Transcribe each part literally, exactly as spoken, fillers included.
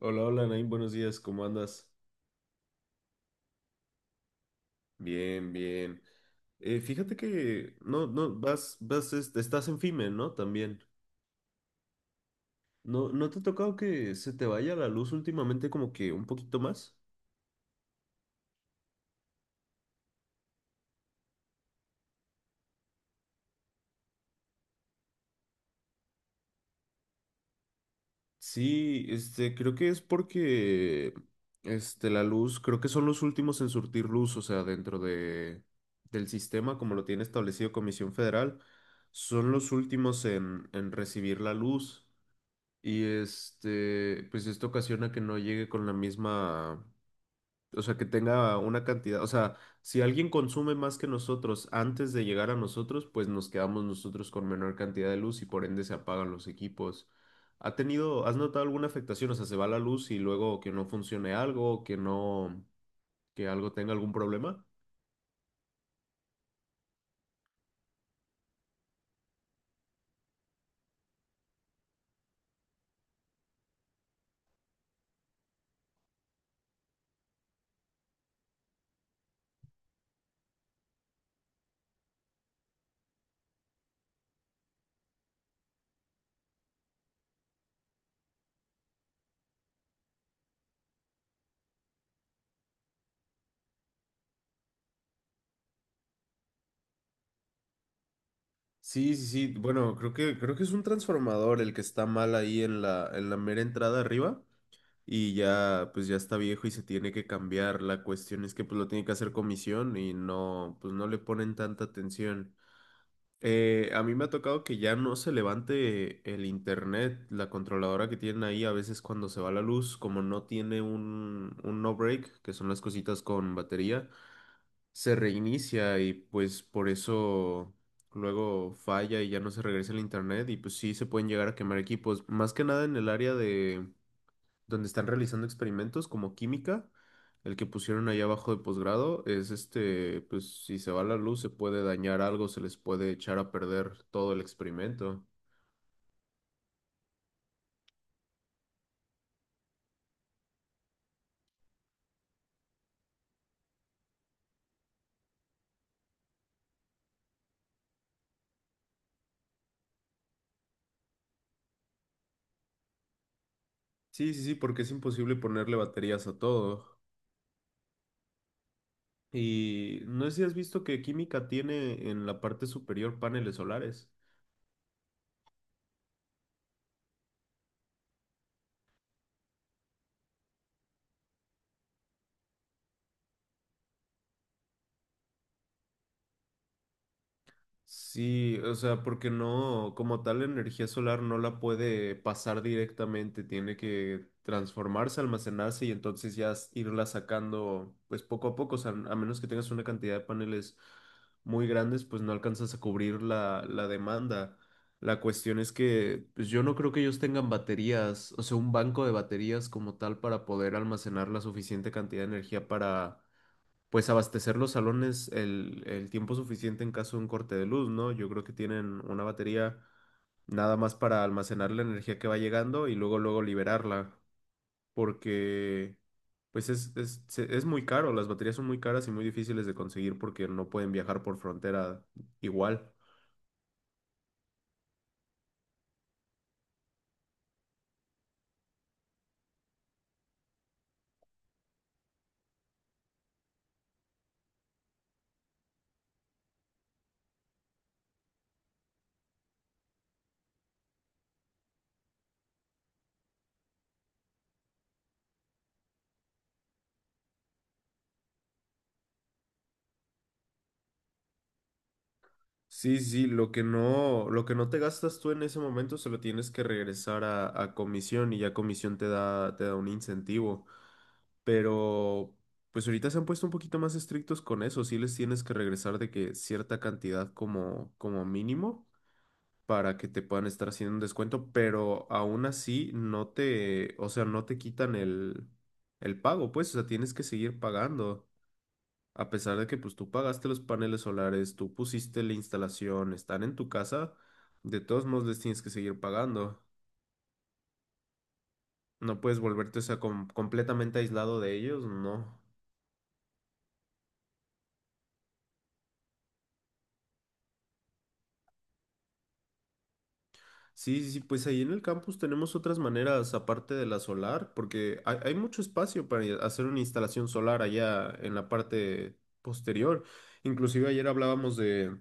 Hola, hola, Naim, buenos días, ¿cómo andas? Bien, bien. Eh, fíjate que no, no, vas, vas, este, estás en FIME, ¿no? También. ¿No, no te ha tocado que se te vaya la luz últimamente como que un poquito más? Sí, este, creo que es porque, este, la luz, creo que son los últimos en surtir luz, o sea, dentro de, del sistema, como lo tiene establecido Comisión Federal, son los últimos en, en recibir la luz. Y este, pues esto ocasiona que no llegue con la misma, o sea, que tenga una cantidad, o sea, si alguien consume más que nosotros antes de llegar a nosotros, pues nos quedamos nosotros con menor cantidad de luz y por ende se apagan los equipos. ¿Ha tenido, has notado alguna afectación? O sea, se va la luz y luego que no funcione algo, que no, que algo tenga algún problema. Sí, sí, sí. Bueno, creo que creo que es un transformador el que está mal ahí en la en la mera entrada arriba. Y ya pues ya está viejo y se tiene que cambiar. La cuestión es que pues lo tiene que hacer comisión y no, pues no le ponen tanta atención. Eh, a mí me ha tocado que ya no se levante el internet, la controladora que tienen ahí a veces cuando se va la luz, como no tiene un, un no break, que son las cositas con batería, se reinicia y pues por eso luego falla y ya no se regresa el internet y pues sí se pueden llegar a quemar equipos, más que nada en el área de donde están realizando experimentos como química. El que pusieron ahí abajo de posgrado es este, pues si se va la luz se puede dañar algo, se les puede echar a perder todo el experimento. Sí, sí, sí, porque es imposible ponerle baterías a todo. Y no sé si has visto que química tiene en la parte superior paneles solares. Sí, o sea, porque no, como tal, la energía solar no la puede pasar directamente, tiene que transformarse, almacenarse y entonces ya s- irla sacando, pues poco a poco, o sea, a menos que tengas una cantidad de paneles muy grandes, pues no alcanzas a cubrir la, la demanda. La cuestión es que pues yo no creo que ellos tengan baterías, o sea, un banco de baterías como tal para poder almacenar la suficiente cantidad de energía para pues abastecer los salones el, el tiempo suficiente en caso de un corte de luz, ¿no? Yo creo que tienen una batería nada más para almacenar la energía que va llegando y luego luego liberarla, porque pues es, es, se- es muy caro, las baterías son muy caras y muy difíciles de conseguir porque no pueden viajar por frontera igual. Sí, sí, sí, lo que no, lo que no te gastas tú en ese momento se lo tienes que regresar a, a comisión y ya comisión te da, te da un incentivo. Pero pues ahorita se han puesto un poquito más estrictos con eso. Sí les tienes que regresar de que cierta cantidad como, como mínimo para que te puedan estar haciendo un descuento, pero aún así no te, o sea, no te quitan el, el pago, pues, o sea, tienes que seguir pagando. A pesar de que pues tú pagaste los paneles solares, tú pusiste la instalación, están en tu casa, de todos modos les tienes que seguir pagando. No puedes volverte, o sea, com- completamente aislado de ellos, no. Sí, sí, sí, pues ahí en el campus tenemos otras maneras aparte de la solar, porque hay, hay mucho espacio para i- hacer una instalación solar allá en la parte posterior. Inclusive ayer hablábamos de,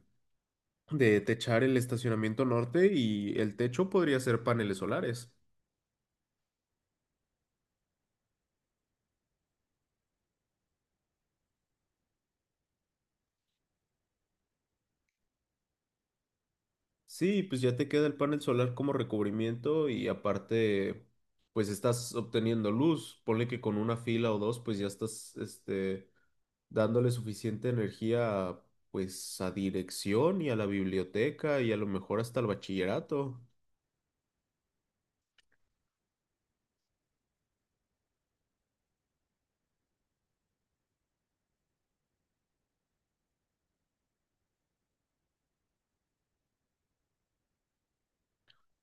de techar el estacionamiento norte y el techo podría ser paneles solares. Sí, pues ya te queda el panel solar como recubrimiento y aparte, pues estás obteniendo luz. Ponle que con una fila o dos, pues ya estás, este, dándole suficiente energía a, pues a dirección y a la biblioteca y a lo mejor hasta el bachillerato.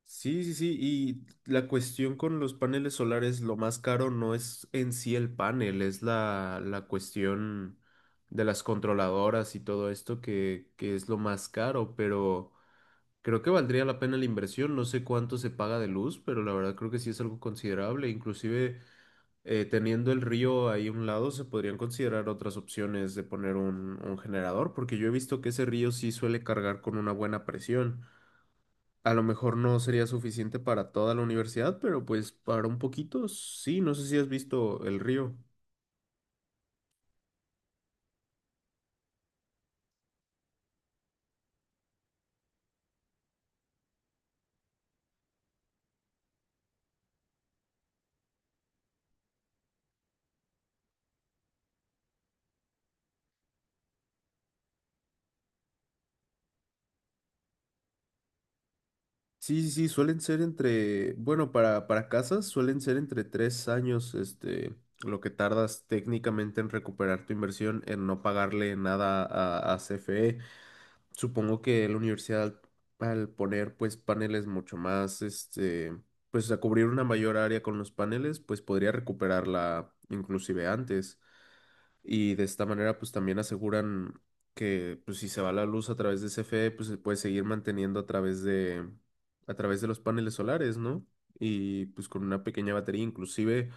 Sí, sí, sí, y la cuestión con los paneles solares, lo más caro no es en sí el panel, es la, la cuestión de las controladoras y todo esto que, que es lo más caro, pero creo que valdría la pena la inversión, no sé cuánto se paga de luz, pero la verdad creo que sí es algo considerable, inclusive. Eh, teniendo el río ahí a un lado, se podrían considerar otras opciones de poner un, un generador, porque yo he visto que ese río sí suele cargar con una buena presión. A lo mejor no sería suficiente para toda la universidad, pero pues para un poquito sí, no sé si has visto el río. Sí, sí, sí, suelen ser entre, bueno, para, para casas suelen ser entre tres años, este, lo que tardas técnicamente en recuperar tu inversión, en no pagarle nada a, a C F E. Supongo que la universidad al al poner pues paneles mucho más, este, pues a cubrir una mayor área con los paneles, pues podría recuperarla inclusive antes y de esta manera pues también aseguran que pues si se va la luz a través de C F E pues se puede seguir manteniendo a través de a través de los paneles solares, ¿no? Y pues con una pequeña batería inclusive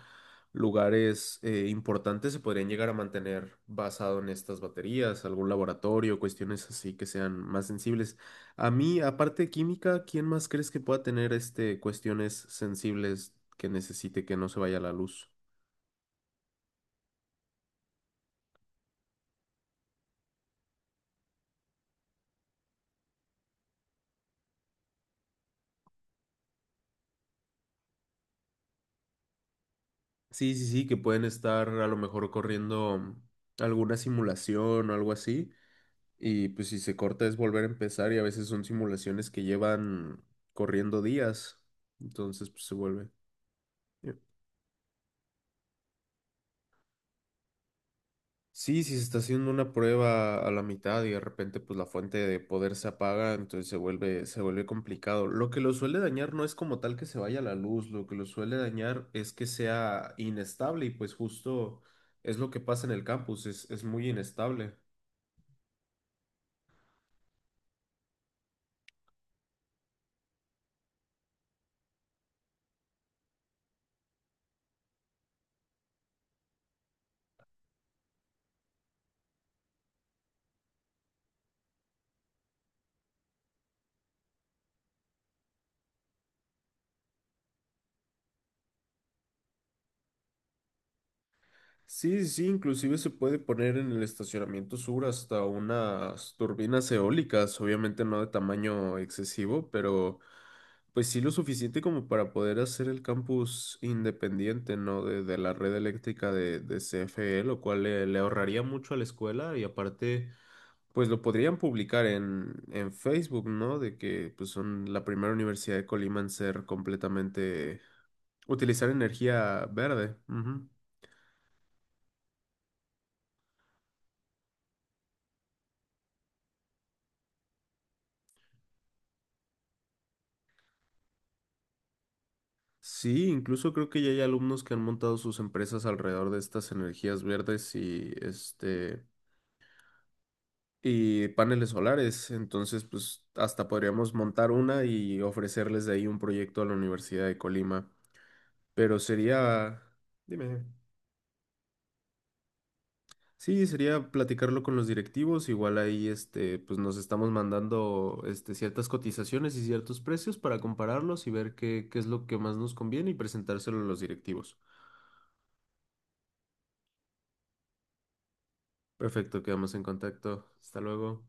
lugares eh, importantes se podrían llegar a mantener basado en estas baterías, algún laboratorio, cuestiones así que sean más sensibles. A mí, aparte de química, ¿quién más crees que pueda tener este cuestiones sensibles que necesite que no se vaya la luz? Sí, sí, sí, que pueden estar a lo mejor corriendo alguna simulación o algo así. Y pues si se corta es volver a empezar y a veces son simulaciones que llevan corriendo días. Entonces pues se vuelve. Yeah. Sí, si se está haciendo una prueba a la mitad y de repente pues la fuente de poder se apaga, entonces se vuelve, se vuelve complicado. Lo que lo suele dañar no es como tal que se vaya la luz, lo que lo suele dañar es que sea inestable y pues justo es lo que pasa en el campus, es, es muy inestable. Sí, sí, sí, inclusive se puede poner en el estacionamiento sur hasta unas turbinas eólicas, obviamente no de tamaño excesivo, pero pues sí lo suficiente como para poder hacer el campus independiente, ¿no? De, de la red eléctrica de, de C F E, lo cual le, le ahorraría mucho a la escuela y aparte, pues lo podrían publicar en, en Facebook, ¿no? De que pues son la primera universidad de Colima en ser completamente, utilizar energía verde. Ujú. Sí, incluso creo que ya hay alumnos que han montado sus empresas alrededor de estas energías verdes y este y paneles solares. Entonces, pues hasta podríamos montar una y ofrecerles de ahí un proyecto a la Universidad de Colima. Pero sería, dime, sí, sería platicarlo con los directivos. Igual ahí, este, pues nos estamos mandando este ciertas cotizaciones y ciertos precios para compararlos y ver qué, qué es lo que más nos conviene y presentárselo a los directivos. Perfecto, quedamos en contacto. Hasta luego.